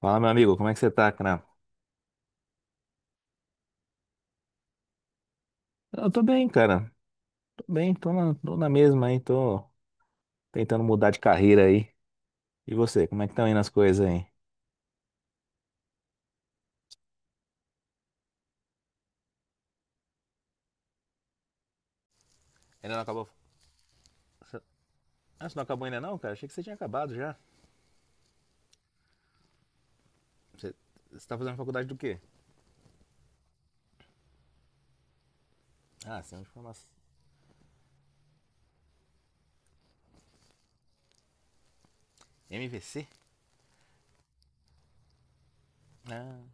Fala, meu amigo, como é que você tá, cara? Eu tô bem, cara. Tô bem, tô na mesma aí, tô tentando mudar de carreira aí. E você, como é que estão indo as coisas aí? Ainda não acabou. você- Ah, você não acabou ainda não, cara? Achei que você tinha acabado já. Você, você tá fazendo faculdade do quê? Ah, você é um de formação. MVC? Ah,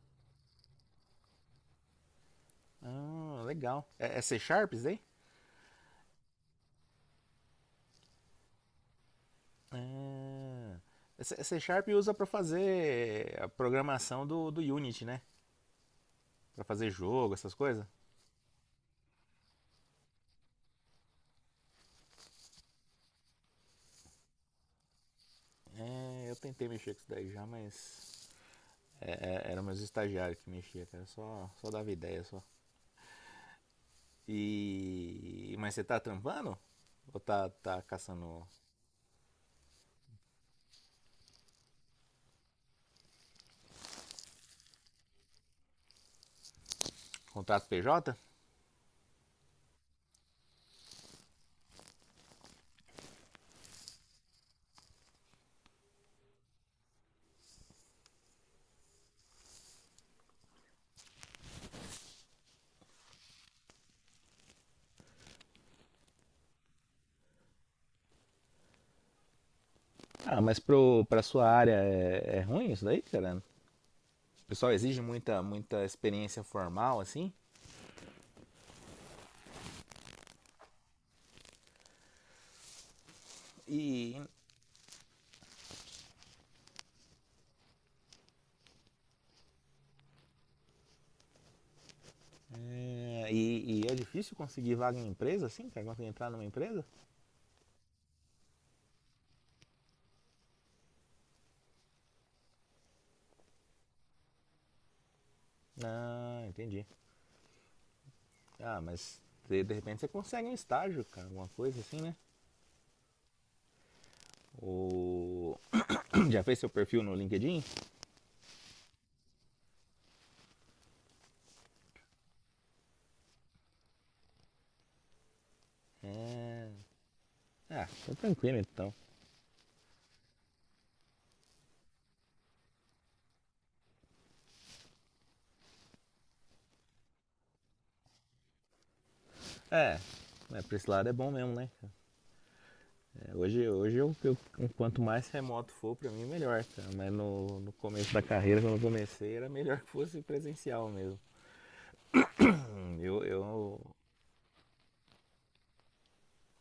ah, legal. É, é C Sharp isso daí? Ah, é C Sharp usa pra fazer a programação do, do Unity, né? Pra fazer jogo, essas coisas. É, eu tentei mexer com isso daí já, mas. É, era meus estagiários que mexia, cara. Só dava ideia só. E. Mas você tá trampando? Ou tá, tá caçando contrato PJ? Ah, pra sua área é, é ruim isso daí, cara? O pessoal exige muita, muita experiência formal, assim. E, e é difícil conseguir vaga em empresa, assim, cara? Conseguir entrar numa empresa? Ah, entendi. Ah, de repente você consegue um estágio, cara, alguma coisa assim, né? Ou já fez seu perfil no LinkedIn? É, ah, tô tranquilo então. É, é, pra esse lado é bom mesmo, né? Cara? É, hoje hoje eu, quanto mais remoto for, pra mim melhor, cara. Mas no, no começo da carreira, quando eu comecei, era melhor que fosse presencial mesmo. Hum, Eu, eu,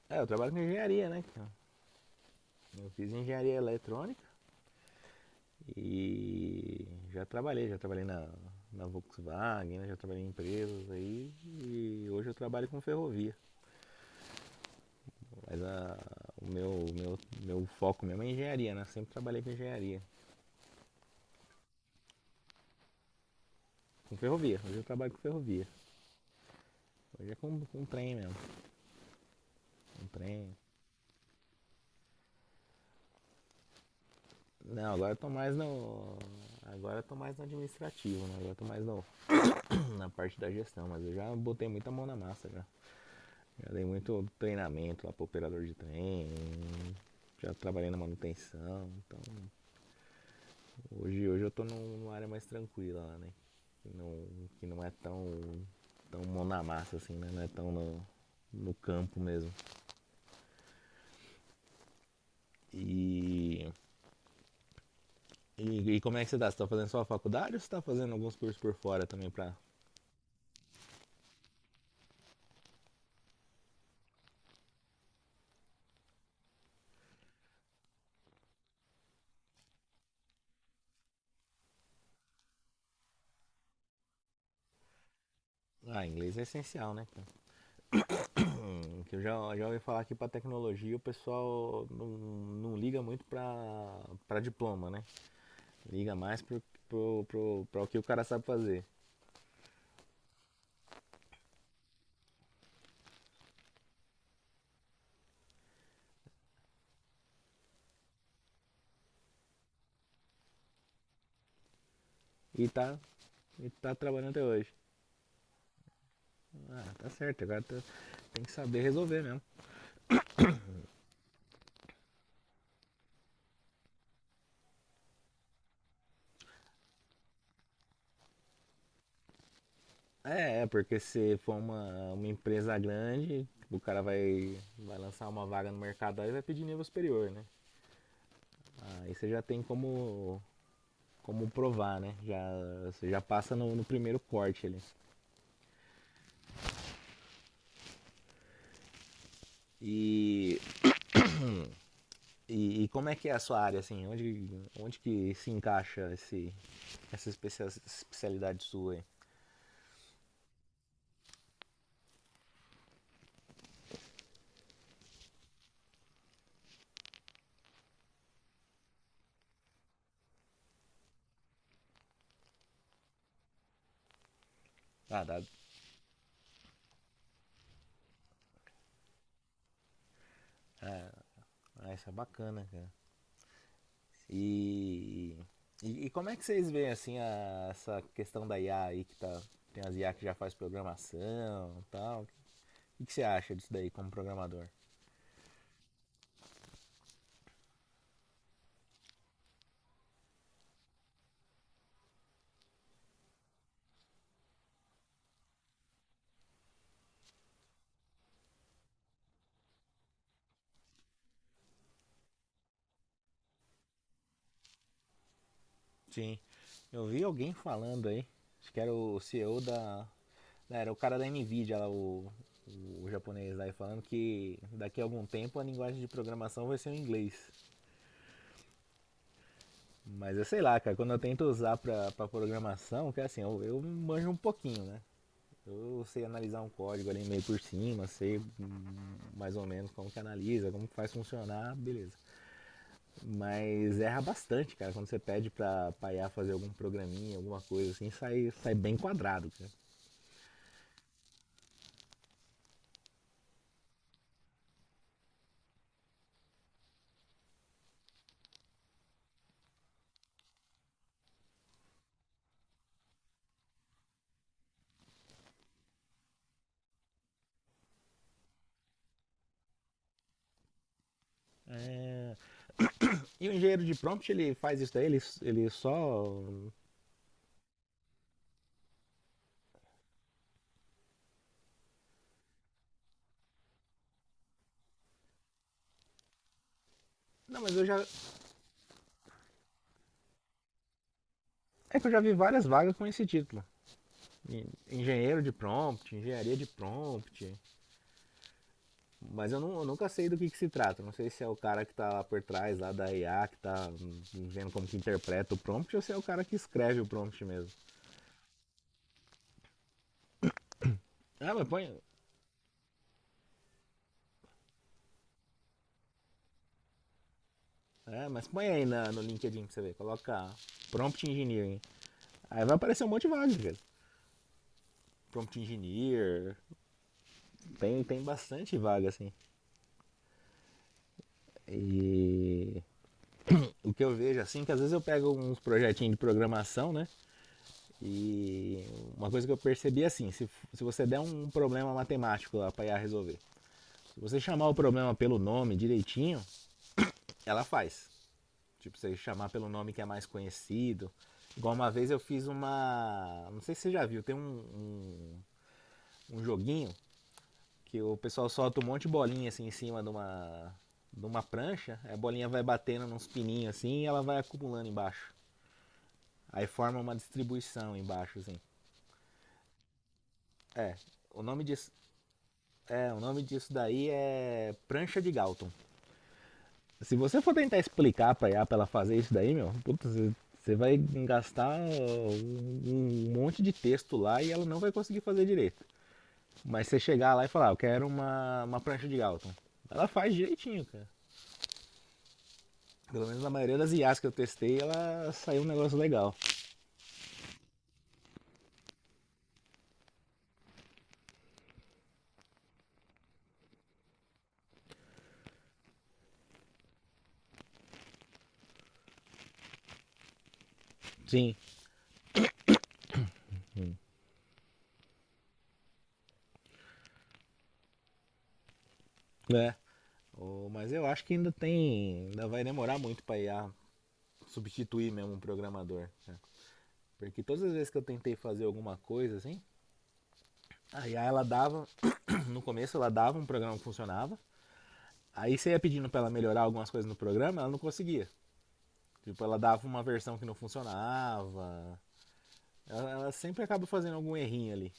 eu trabalho com engenharia, né? Cara? Eu fiz engenharia eletrônica e já trabalhei na Volkswagen, né? Já trabalhei em empresas aí e hoje eu trabalho com ferrovia. Mas a, o meu, meu, meu foco mesmo é engenharia, né? Eu sempre trabalhei com engenharia. Com ferrovia. Hoje eu trabalho com ferrovia. Hoje é com trem mesmo. Com trem. Não, agora eu tô mais no. Agora eu tô mais no administrativo, né? Agora eu tô mais no, Na parte da gestão, mas eu já botei muita mão na massa já. Já dei muito treinamento lá pro operador de trem. Já trabalhei na manutenção. Então hoje eu tô numa área mais tranquila lá, né? Que não, que não é tão mão na massa assim, né? Não é tão no, no campo mesmo. E e como é que você tá? Você tá fazendo só a faculdade ou você tá fazendo alguns cursos por fora também pra. Ah, inglês é essencial, né? Cara? Que eu já, já ouvi falar que pra tecnologia o pessoal não, não liga muito pra, pra diploma, né? Liga mais pro, pra o que o cara sabe fazer. E tá, e tá trabalhando até hoje. Ah, tá certo, tem que saber resolver mesmo. Porque se for uma empresa grande, o cara vai, vai lançar uma vaga no mercado e vai pedir nível superior, né? Aí você já tem como provar, né? Já, você já passa no, no primeiro corte ali. E, e como é que é a sua área, assim? Onde, onde que se encaixa essa especialidade sua aí? Ah, dá. Ah, isso é bacana, cara. E, e como é que vocês veem, assim, essa questão da IA aí que tá... Tem as IA que já faz programação e tal. O que você acha disso daí como programador? Sim. Eu vi alguém falando aí, acho que era o CEO da. Não, era o cara da Nvidia lá, o japonês lá e falando que daqui a algum tempo a linguagem de programação vai ser o inglês. Mas eu sei lá, cara, quando eu tento usar pra, pra programação, que é assim, eu manjo um pouquinho, né? Eu sei analisar um código ali meio por cima, sei mais ou menos como que analisa, como que faz funcionar, beleza. Mas erra bastante, cara, quando você pede pra, pra IA fazer algum programinha, alguma coisa assim, sai, sai bem quadrado, cara. É, e o engenheiro de prompt, ele faz isso daí, ele só. Não, mas eu já. É que eu já vi várias vagas com esse título. Engenheiro de prompt, engenharia de prompt. Mas eu, não eu nunca sei do que se trata. Não sei se é o cara que tá lá por trás, lá da IA, que tá vendo como que interpreta o prompt, ou se é o cara que escreve o prompt mesmo. Ah, mas põe. É, mas põe aí na, no LinkedIn pra você ver. Coloca prompt engineering. Aí vai aparecer um monte de vagas, cara. Prompt engineer. Tem, tem bastante vaga, assim. E o que eu vejo, assim, que às vezes eu pego uns projetinhos de programação, né? E uma coisa que eu percebi, é assim, se você der um problema matemático lá pra IA resolver, se você chamar o problema pelo nome direitinho, ela faz. Tipo, você chamar pelo nome que é mais conhecido. Igual uma vez eu fiz uma. Não sei se você já viu, tem um um joguinho que o pessoal solta um monte de bolinha assim em cima de de uma prancha, a bolinha vai batendo nos pininhos assim e ela vai acumulando embaixo. Aí forma uma distribuição embaixo, assim. É, o nome disso, é, o nome disso daí é prancha de Galton. Se você for tentar explicar pra IA pra ela fazer isso daí, meu, puta, vai gastar um monte de texto lá e ela não vai conseguir fazer direito. Mas você chegar lá e falar, "Ah, eu quero uma prancha de Galton." Ela faz direitinho, cara. Pelo menos na maioria das IAs que eu testei, ela saiu um negócio legal. Sim, né? Oh, mas eu acho que ainda tem. Ainda vai demorar muito pra IA substituir mesmo um programador. Né? Porque todas as vezes que eu tentei fazer alguma coisa assim, a IA ela dava. No começo ela dava um programa que funcionava. Aí você ia pedindo pra ela melhorar algumas coisas no programa, ela não conseguia. Tipo, ela dava uma versão que não funcionava. Ela sempre acaba fazendo algum errinho ali.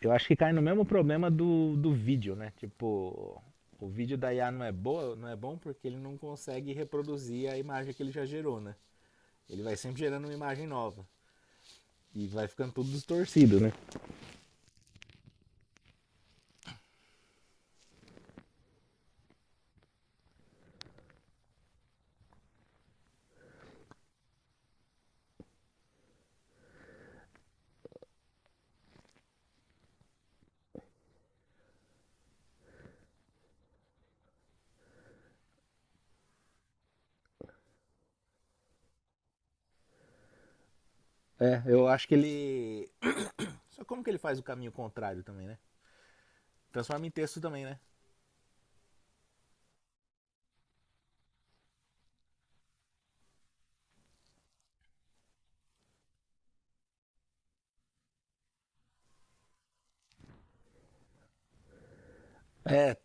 Eu acho que cai no mesmo problema do, do vídeo, né? Tipo, o vídeo da IA não é boa, não é bom porque ele não consegue reproduzir a imagem que ele já gerou, né? Ele vai sempre gerando uma imagem nova e vai ficando tudo distorcido, né? É, eu acho que ele só como que ele faz o caminho contrário também, né? Transforma em texto também, né? É,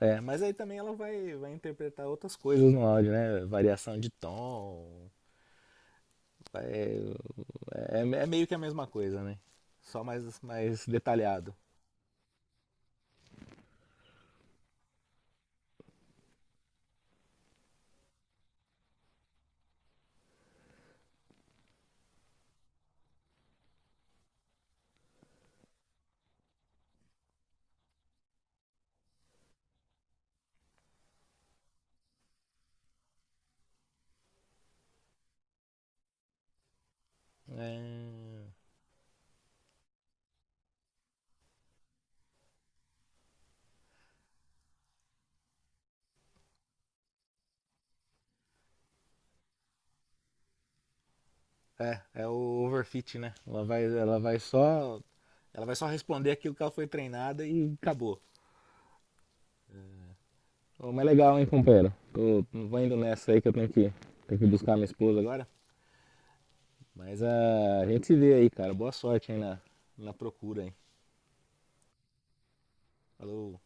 mas aí também ela vai, vai interpretar outras coisas no áudio, né? Variação de tom. É, é meio que a mesma coisa, né? Só mais, mais detalhado. É... É, é o overfit, né? Ela vai só. Ela vai só responder aquilo que ela foi treinada e acabou. Ô, mas legal, hein, companheiro? Tô, vou indo nessa aí que eu tenho que buscar minha esposa agora. Mas ah, a gente se vê aí, cara. Boa sorte aí na, na procura, hein? Falou.